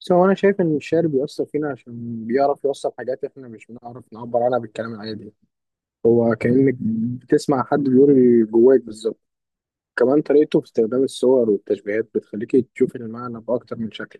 بس هو أنا شايف إن الشعر بيأثر فينا عشان بيعرف يوصل حاجات إحنا مش بنعرف نعبر عنها بالكلام العادي. هو كأنك بتسمع حد بيقول اللي جواك بالظبط. كمان طريقته في استخدام الصور والتشبيهات بتخليكي تشوفي المعنى بأكتر من شكل.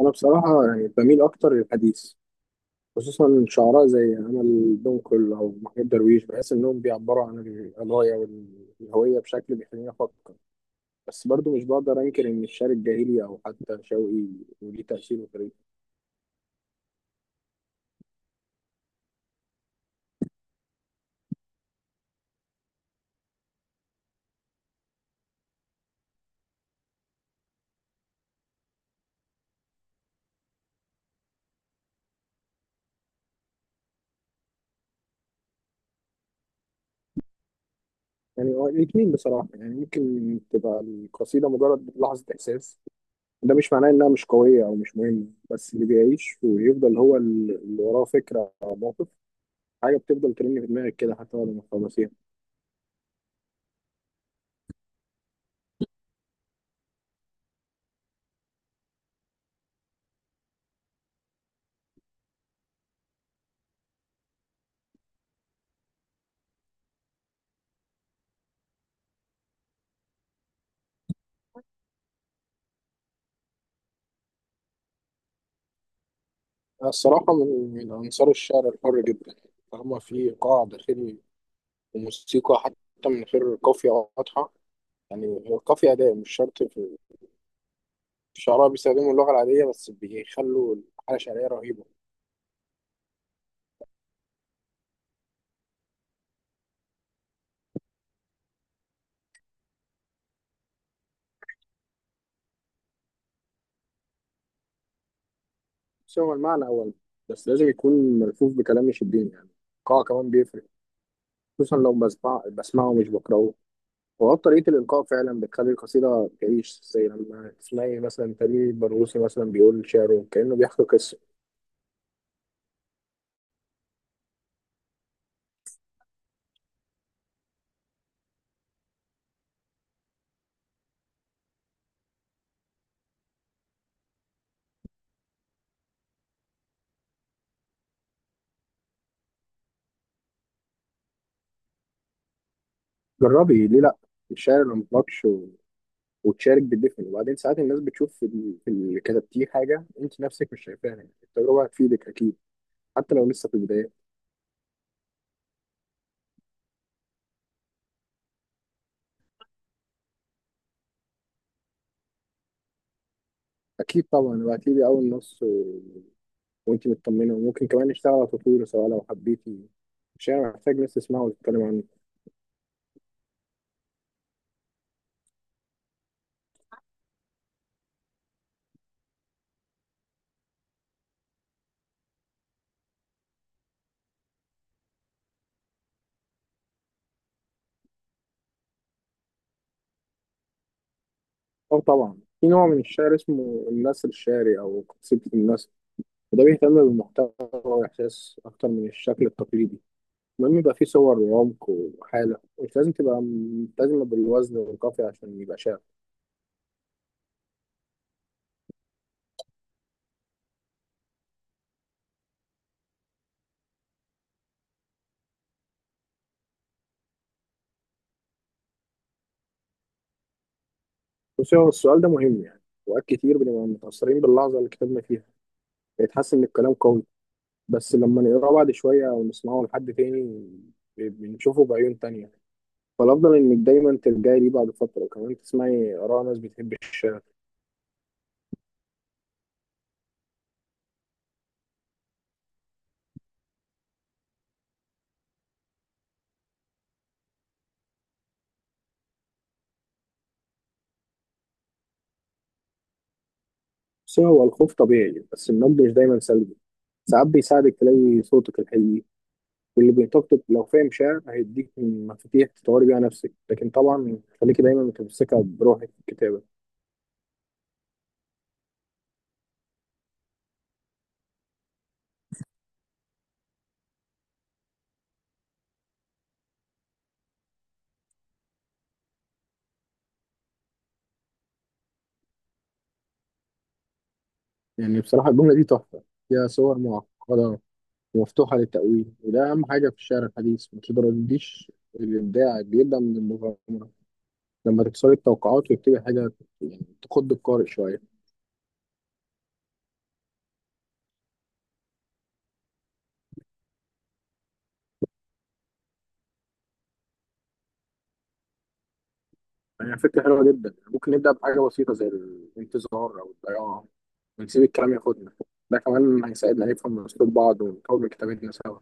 أنا بصراحة يعني بميل أكتر للحديث، خصوصا شعراء زي أمل دنكل أو محمود درويش. بحس إنهم بيعبروا عن القضايا والهوية بشكل بيخليني أفكر. بس برضه مش بقدر أنكر إن الشعر الجاهلي أو حتى شوقي وليه تأثير وطريقته. يعني هو الاثنين بصراحة، يعني ممكن تبقى القصيدة مجرد لحظة إحساس. ده مش معناه إنها مش قوية أو مش مهمة. بس اللي بيعيش ويفضل هو اللي وراه فكرة أو موقف، حاجة بتفضل ترن في دماغك كده حتى بعد ما تخلصيها. أنا الصراحة من أنصار الشعر الحر جدا، طالما في إيقاع داخلي وموسيقى حتى من غير قافية واضحة. يعني هو القافية أداة مش شرط. في شعراء بيستخدموا اللغة العادية بس بيخلوا الحالة شعرية رهيبة. بس هو المعنى أول، بس لازم يكون ملفوف بكلام يشدني يعني. الإيقاع كمان بيفرق، خصوصا لو بسمعه مش بقرأه. وهو طريقة الإلقاء فعلا بتخلي القصيدة تعيش، زي لما تسمعي مثلا تامر برغوثي مثلا بيقول شعره كأنه بيحكي قصة. جربي ليه لأ؟ الشعر لما مطلقش وتشارك بالدفن، وبعدين ساعات الناس بتشوف في في اللي كتبتيه حاجة أنت نفسك مش شايفاها. يعني التجربة هتفيدك أكيد، حتى لو لسه في البداية. أكيد طبعا، وهتيجي أول نص وانت مطمنه، وممكن كمان نشتغل على تطويره سواء لو حبيتي. الشعر محتاج ناس تسمعه وتتكلم عنه. اه طبعا، في نوع من الشعر اسمه النثر الشعري او قصيدة النثر، وده بيهتم بالمحتوى والاحساس اكتر من الشكل التقليدي. المهم يبقى فيه صور وعمق وحاله، مش لازم تبقى ملتزمه بالوزن والقافيه عشان يبقى شعر. بصي، هو السؤال ده مهم يعني. وقت كتير بنبقى متاثرين باللحظه اللي كتبنا فيها، بيتحس ان الكلام قوي، بس لما نقراه بعد شويه او نسمعه لحد تاني بنشوفه بعيون تانية. فالأفضل إنك دايما ترجعي ليه بعد فترة، وكمان تسمعي آراء ناس بتحب الشعر. بس هو الخوف طبيعي، بس النقد مش دايما سلبي. ساعات بيساعدك تلاقي صوتك الحقيقي، واللي بينتقدك لو فاهم شعر هيديك مفاتيح تطوري بيها نفسك. لكن طبعا خليكي دايما متمسكة بروحك في الكتابة. يعني بصراحة الجملة دي تحفة، فيها صور معقدة ومفتوحة للتأويل، وده أهم حاجة في الشعر الحديث. ما ترديش، الإبداع بيبدأ من المغامرة، لما تكسري التوقعات وتكتبي حاجة يعني تخض القارئ شوية. يعني فكرة حلوة جدا. يعني ممكن نبدأ بحاجة بسيطة زي الانتظار أو الضياع، ونسيب الكلام ياخدنا. ده كمان هيساعدنا نفهم أسلوب بعض ونطور من كتابتنا سوا.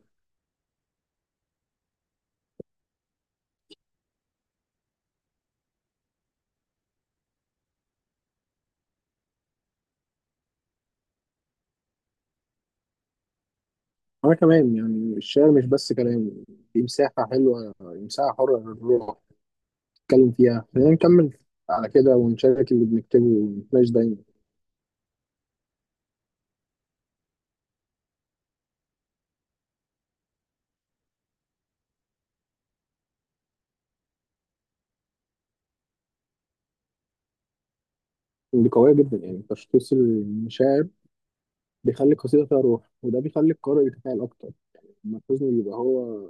أنا كمان، يعني الشعر مش بس كلام، دي مساحة حلوة، مساحة حرة للروح نتكلم فيها. خلينا نكمل على كده ونشارك اللي بنكتبه ونتناقش دايما. دي قوية جدا، يعني تشخيص المشاعر بيخلي القصيدة فيها روح، وده بيخلي القارئ يتفاعل أكتر. لما الحزن يبقى هو،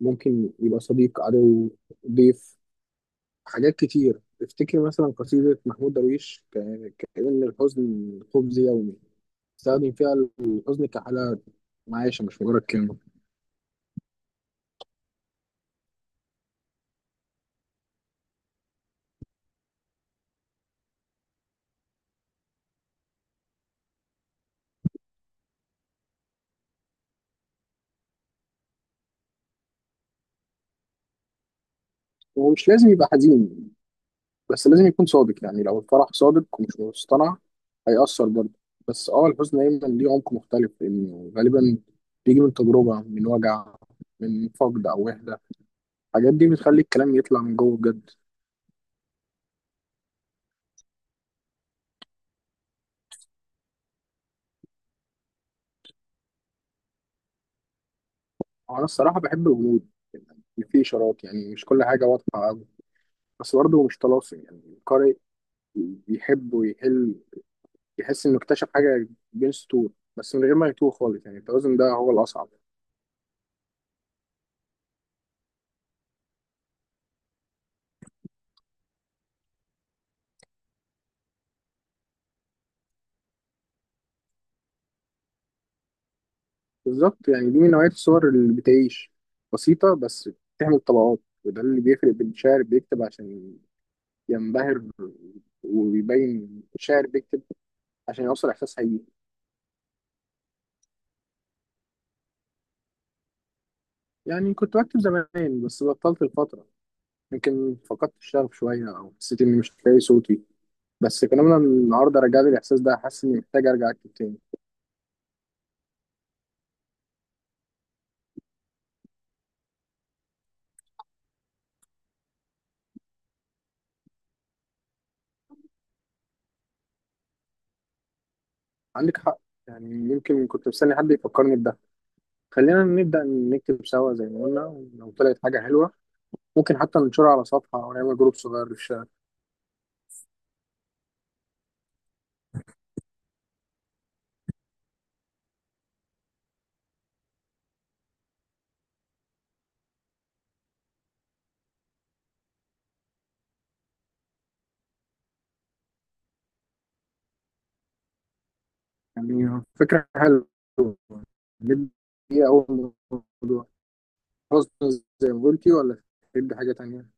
ممكن يبقى صديق، عدو، ضيف، حاجات كتير. افتكر مثلا قصيدة محمود درويش كأن الحزن خبز يومي، استخدم فيها الحزن كحالة معيشة مش مجرد كلمة. ومش لازم يبقى حزين، بس لازم يكون صادق. يعني لو الفرح صادق ومش مصطنع هيأثر برضه. بس اه الحزن دايما ليه عمق مختلف، لأنه غالبا بيجي من تجربة، من وجع، من فقد أو وحدة. الحاجات دي بتخلي الكلام يطلع من جوه بجد. أنا الصراحة بحب الغموض، يعني في إشارات، يعني مش كل حاجة واضحة. بس برضه هو مش طلاسم. يعني قارئ بيحب ويحل، يحس انه اكتشف حاجه بين سطور، بس من غير ما يتوه خالص. يعني التوازن ده هو الاصعب. بالظبط، يعني دي من نوعيه الصور اللي بتعيش، بسيطه بس بتعمل طبقات. وده اللي بيفرق بين شاعر بيكتب عشان ينبهر ويبين، شاعر بيكتب عشان يوصل احساس حقيقي. يعني كنت بكتب زمان بس بطلت الفتره، يمكن فقدت الشغف شويه او حسيت اني مش لاقي صوتي. بس كلامنا النهارده رجع لي الاحساس ده، حاسس اني محتاج ارجع اكتب تاني. عندك حق، يعني يمكن كنت مستني حد يفكرني بده. خلينا نبدأ نكتب سوا زي ما قلنا، ولو طلعت حاجة حلوة ممكن حتى ننشرها على صفحة أو نعمل جروب صغير في الشارع. يعني فكرة حلوة. نبدأ، إيه أول موضوع؟ غصب زي ما قلتي ولا تبدأ حاجة تانية؟